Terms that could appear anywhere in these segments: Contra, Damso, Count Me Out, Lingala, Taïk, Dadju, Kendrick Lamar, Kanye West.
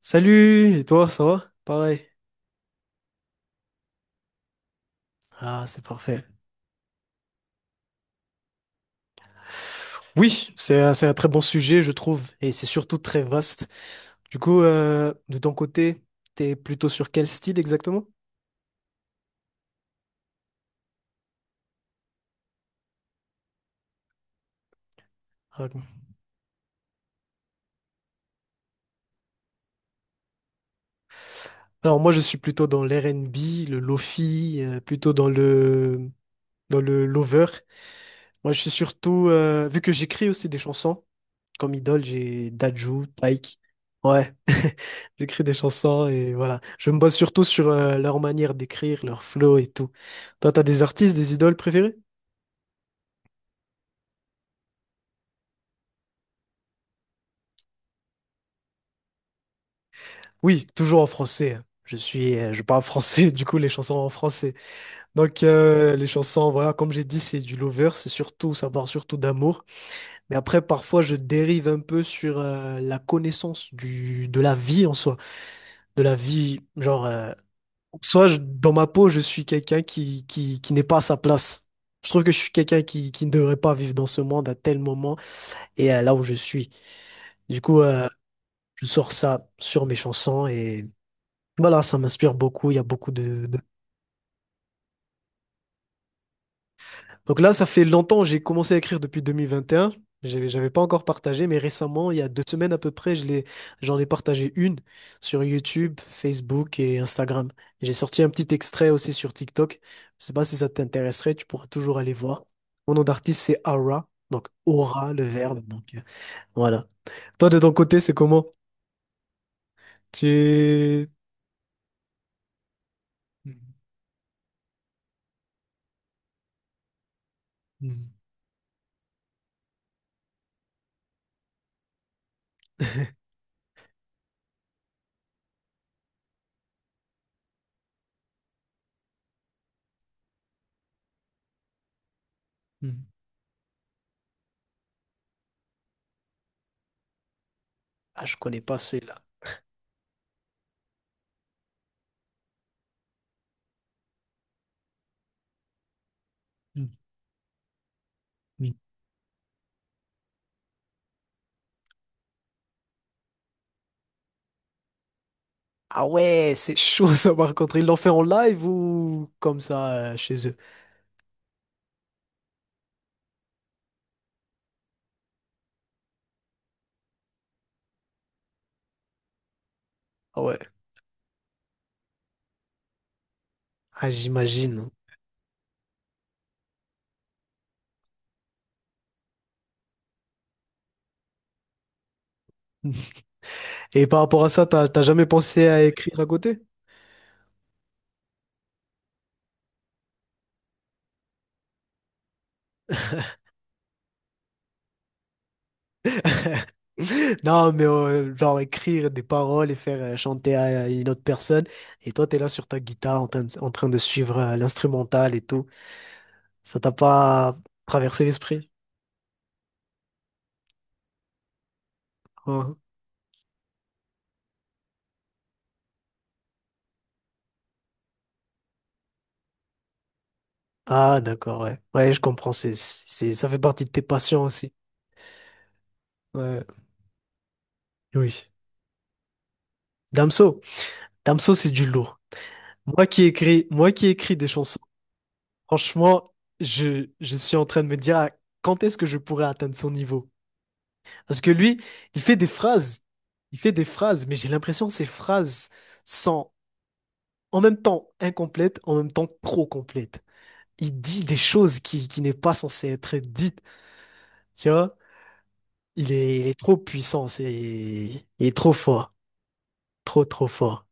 Salut, et toi, ça va? Pareil. Ah, c'est parfait. Oui, c'est un très bon sujet, je trouve, et c'est surtout très vaste. Du coup, de ton côté, t'es plutôt sur quel style exactement? Raconte. Alors moi, je suis plutôt dans l'R&B, le lofi, plutôt dans le lover. Moi, je suis surtout, vu que j'écris aussi des chansons. Comme idole, j'ai Dadju, Taïk. Ouais, j'écris des chansons et voilà. Je me base surtout sur leur manière d'écrire, leur flow et tout. Toi, t'as des artistes, des idoles préférées? Oui, toujours en français, hein. Je parle français, du coup, les chansons en français. Donc, les chansons, voilà, comme j'ai dit, c'est du lover, ça parle surtout d'amour. Mais après, parfois, je dérive un peu sur la connaissance de la vie en soi, de la vie, genre, dans ma peau, je suis quelqu'un qui n'est pas à sa place. Je trouve que je suis quelqu'un qui ne devrait pas vivre dans ce monde à tel moment et là où je suis. Du coup, je sors ça sur mes chansons et voilà, ça m'inspire beaucoup. Il y a beaucoup de Donc là, ça fait longtemps, j'ai commencé à écrire depuis 2021. J'avais pas encore partagé, mais récemment, il y a deux semaines à peu près, j'en ai partagé une sur YouTube, Facebook et Instagram. J'ai sorti un petit extrait aussi sur TikTok. Je sais pas si ça t'intéresserait, tu pourras toujours aller voir. Mon nom d'artiste, c'est Aura, donc aura, le verbe. Donc voilà. Toi, de ton côté, c'est comment? Tu. Mhm. Mhm. Mhm. Ah, je connais pas celui-là. Ah ouais, c'est chaud ça par contre. Ils l'ont fait en live ou comme ça chez eux? Ah ouais, ah, j'imagine. Et par rapport à ça, t'as jamais pensé à écrire à côté? Non, mais genre écrire des paroles et faire chanter à une autre personne. Et toi, t'es là sur ta guitare en train de suivre l'instrumental et tout. Ça t'a pas traversé l'esprit? Hein. Ah, d'accord, ouais. Ouais, je comprends. Ça fait partie de tes passions aussi. Ouais, oui. Damso. Damso, c'est du lourd. Moi qui écris des chansons, franchement, je suis en train de me dire ah, quand est-ce que je pourrais atteindre son niveau? Parce que lui, il fait des phrases, il fait des phrases, mais j'ai l'impression que ces phrases sont en même temps incomplètes, en même temps trop complètes. Il dit des choses qui n'est pas censé être dites, tu vois? Il est trop puissant, il est trop fort, trop trop fort.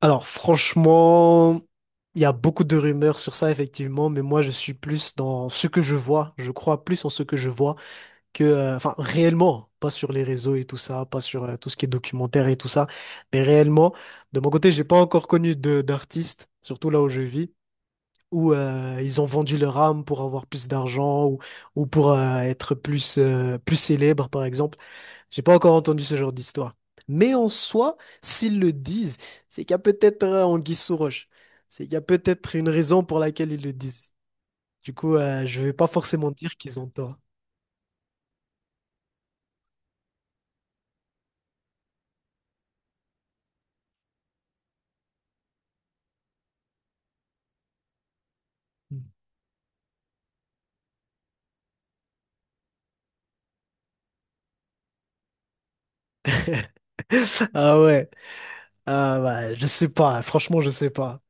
Alors franchement, il y a beaucoup de rumeurs sur ça effectivement, mais moi je suis plus dans ce que je vois, je crois plus en ce que je vois enfin réellement, pas sur les réseaux et tout ça, pas sur tout ce qui est documentaire et tout ça, mais réellement, de mon côté, j'ai pas encore connu de d'artistes, surtout là où je vis, où ils ont vendu leur âme pour avoir plus d'argent ou pour être plus célèbre par exemple. J'ai pas encore entendu ce genre d'histoire. Mais en soi, s'ils le disent, c'est qu'il y a peut-être un guise sous roche. C'est qu'il y a peut-être une raison pour laquelle ils le disent. Du coup, je vais pas forcément dire qu'ils ont tort. Ah ouais. Ah bah, je sais pas. Franchement, je sais pas.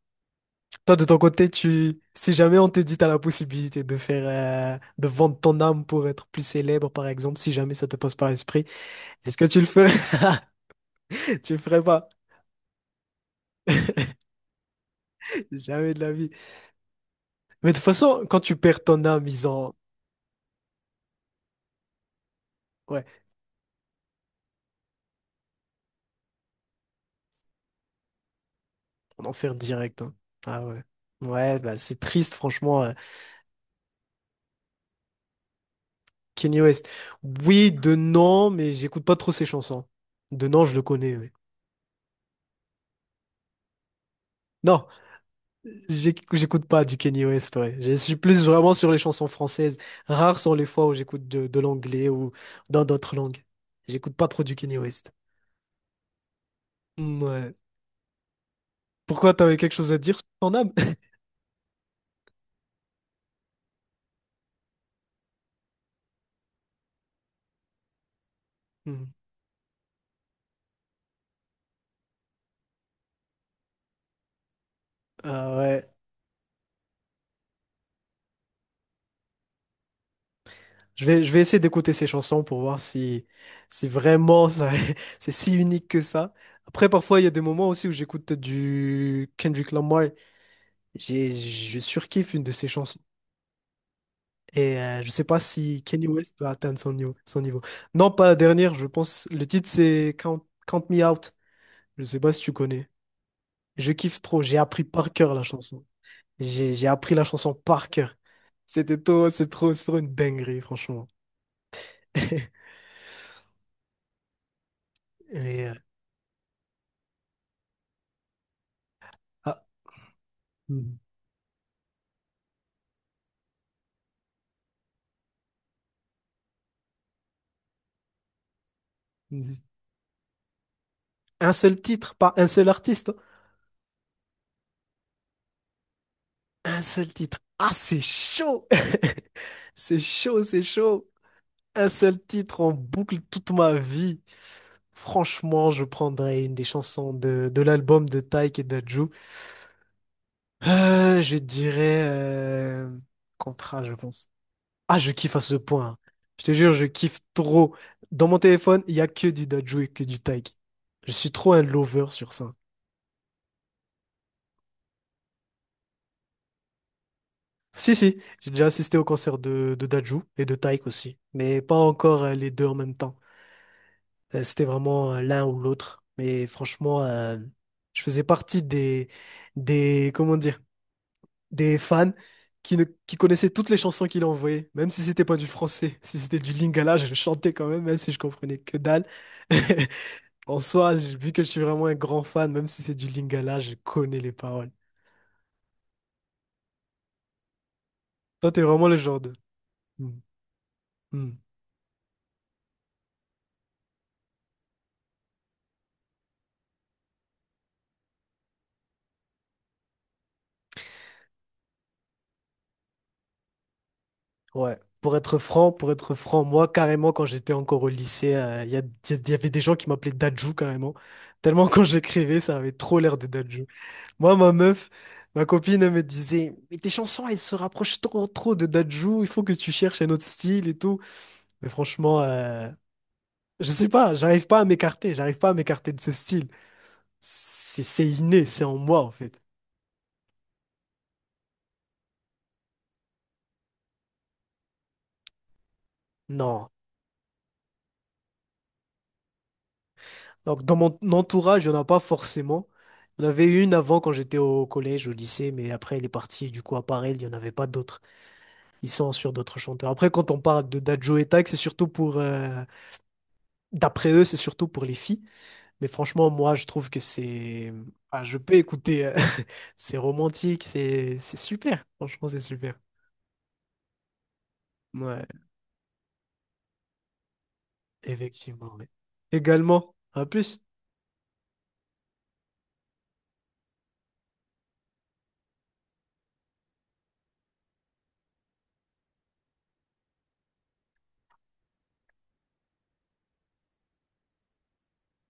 Toi, de ton côté, si jamais on te dit t'as la possibilité de vendre ton âme pour être plus célèbre, par exemple, si jamais ça te passe par l'esprit, est-ce que tu le ferais? Tu le ferais pas. Jamais de la vie. Mais de toute façon, quand tu perds ton âme, ils ont, ouais. En enfer direct, hein. Ah ouais. Ouais, bah c'est triste, franchement. Kanye West. Oui, de non, mais j'écoute pas trop ses chansons. De non, je le connais, oui. Non, j'écoute pas du Kanye West, ouais. Je suis plus vraiment sur les chansons françaises. Rares sont les fois où j'écoute de l'anglais ou dans d'autres langues. J'écoute pas trop du Kanye West. Mm, ouais. Pourquoi t'avais quelque chose à dire sur ton âme? Ah ouais. Je vais essayer d'écouter ces chansons pour voir si vraiment c'est si unique que ça. Après, parfois, il y a des moments aussi où j'écoute du Kendrick Lamar. Je surkiffe une de ses chansons. Je sais pas si Kanye West va atteindre son niveau. Non, pas la dernière, je pense. Le titre, c'est Count Me Out. Je sais pas si tu connais. Je kiffe trop. J'ai appris par cœur la chanson. J'ai appris la chanson par cœur. C'est trop une dinguerie, franchement. Et, ah. Mhm. Un seul titre, pas un seul artiste. Un seul titre. Ah, c'est chaud! C'est chaud, c'est chaud. Un seul titre en boucle toute ma vie. Franchement, je prendrais une des chansons de l'album de Tyke et d'Adju. Je dirais Contra, je pense. Ah, je kiffe à ce point, hein. Je te jure, je kiffe trop. Dans mon téléphone, il y a que du d'Adju et que du Tyke. Je suis trop un lover sur ça. Si, si, j'ai déjà assisté au concert de Dajou et de Taïk aussi, mais pas encore les deux en même temps. C'était vraiment l'un ou l'autre. Mais franchement, je faisais partie des, comment dire, des fans qui, ne, qui connaissaient toutes les chansons qu'il envoyait, même si c'était pas du français, si c'était du Lingala, je le chantais quand même, même si je comprenais que dalle. En soi, vu que je suis vraiment un grand fan, même si c'est du Lingala, je connais les paroles. Toi, t'es vraiment le genre de. Hmm, hmm. Ouais, pour être franc, moi carrément quand j'étais encore au lycée, il y avait des gens qui m'appelaient Dadju carrément. Tellement quand j'écrivais, ça avait trop l'air de Dadju. Moi, ma meuf, ma copine, elle me disait, mais tes chansons, elles se rapprochent trop, trop de Dadju, il faut que tu cherches un autre style et tout. Mais franchement, je sais pas, j'arrive pas à m'écarter, j'arrive pas à m'écarter de ce style. C'est inné, c'est en moi en fait. Non. Donc, dans mon entourage, il n'y en a pas forcément. Il y en avait une avant quand j'étais au collège, au lycée, mais après, elle est partie. Du coup, à part elle, il n'y en avait pas d'autres. Ils sont sur d'autres chanteurs. Après, quand on parle de Dadjo et Tag, c'est surtout pour. D'après eux, c'est surtout pour les filles. Mais franchement, moi, je trouve que c'est. Ah, je peux écouter. C'est romantique, c'est super. Franchement, c'est super. Ouais, effectivement, ouais. Également. À plus.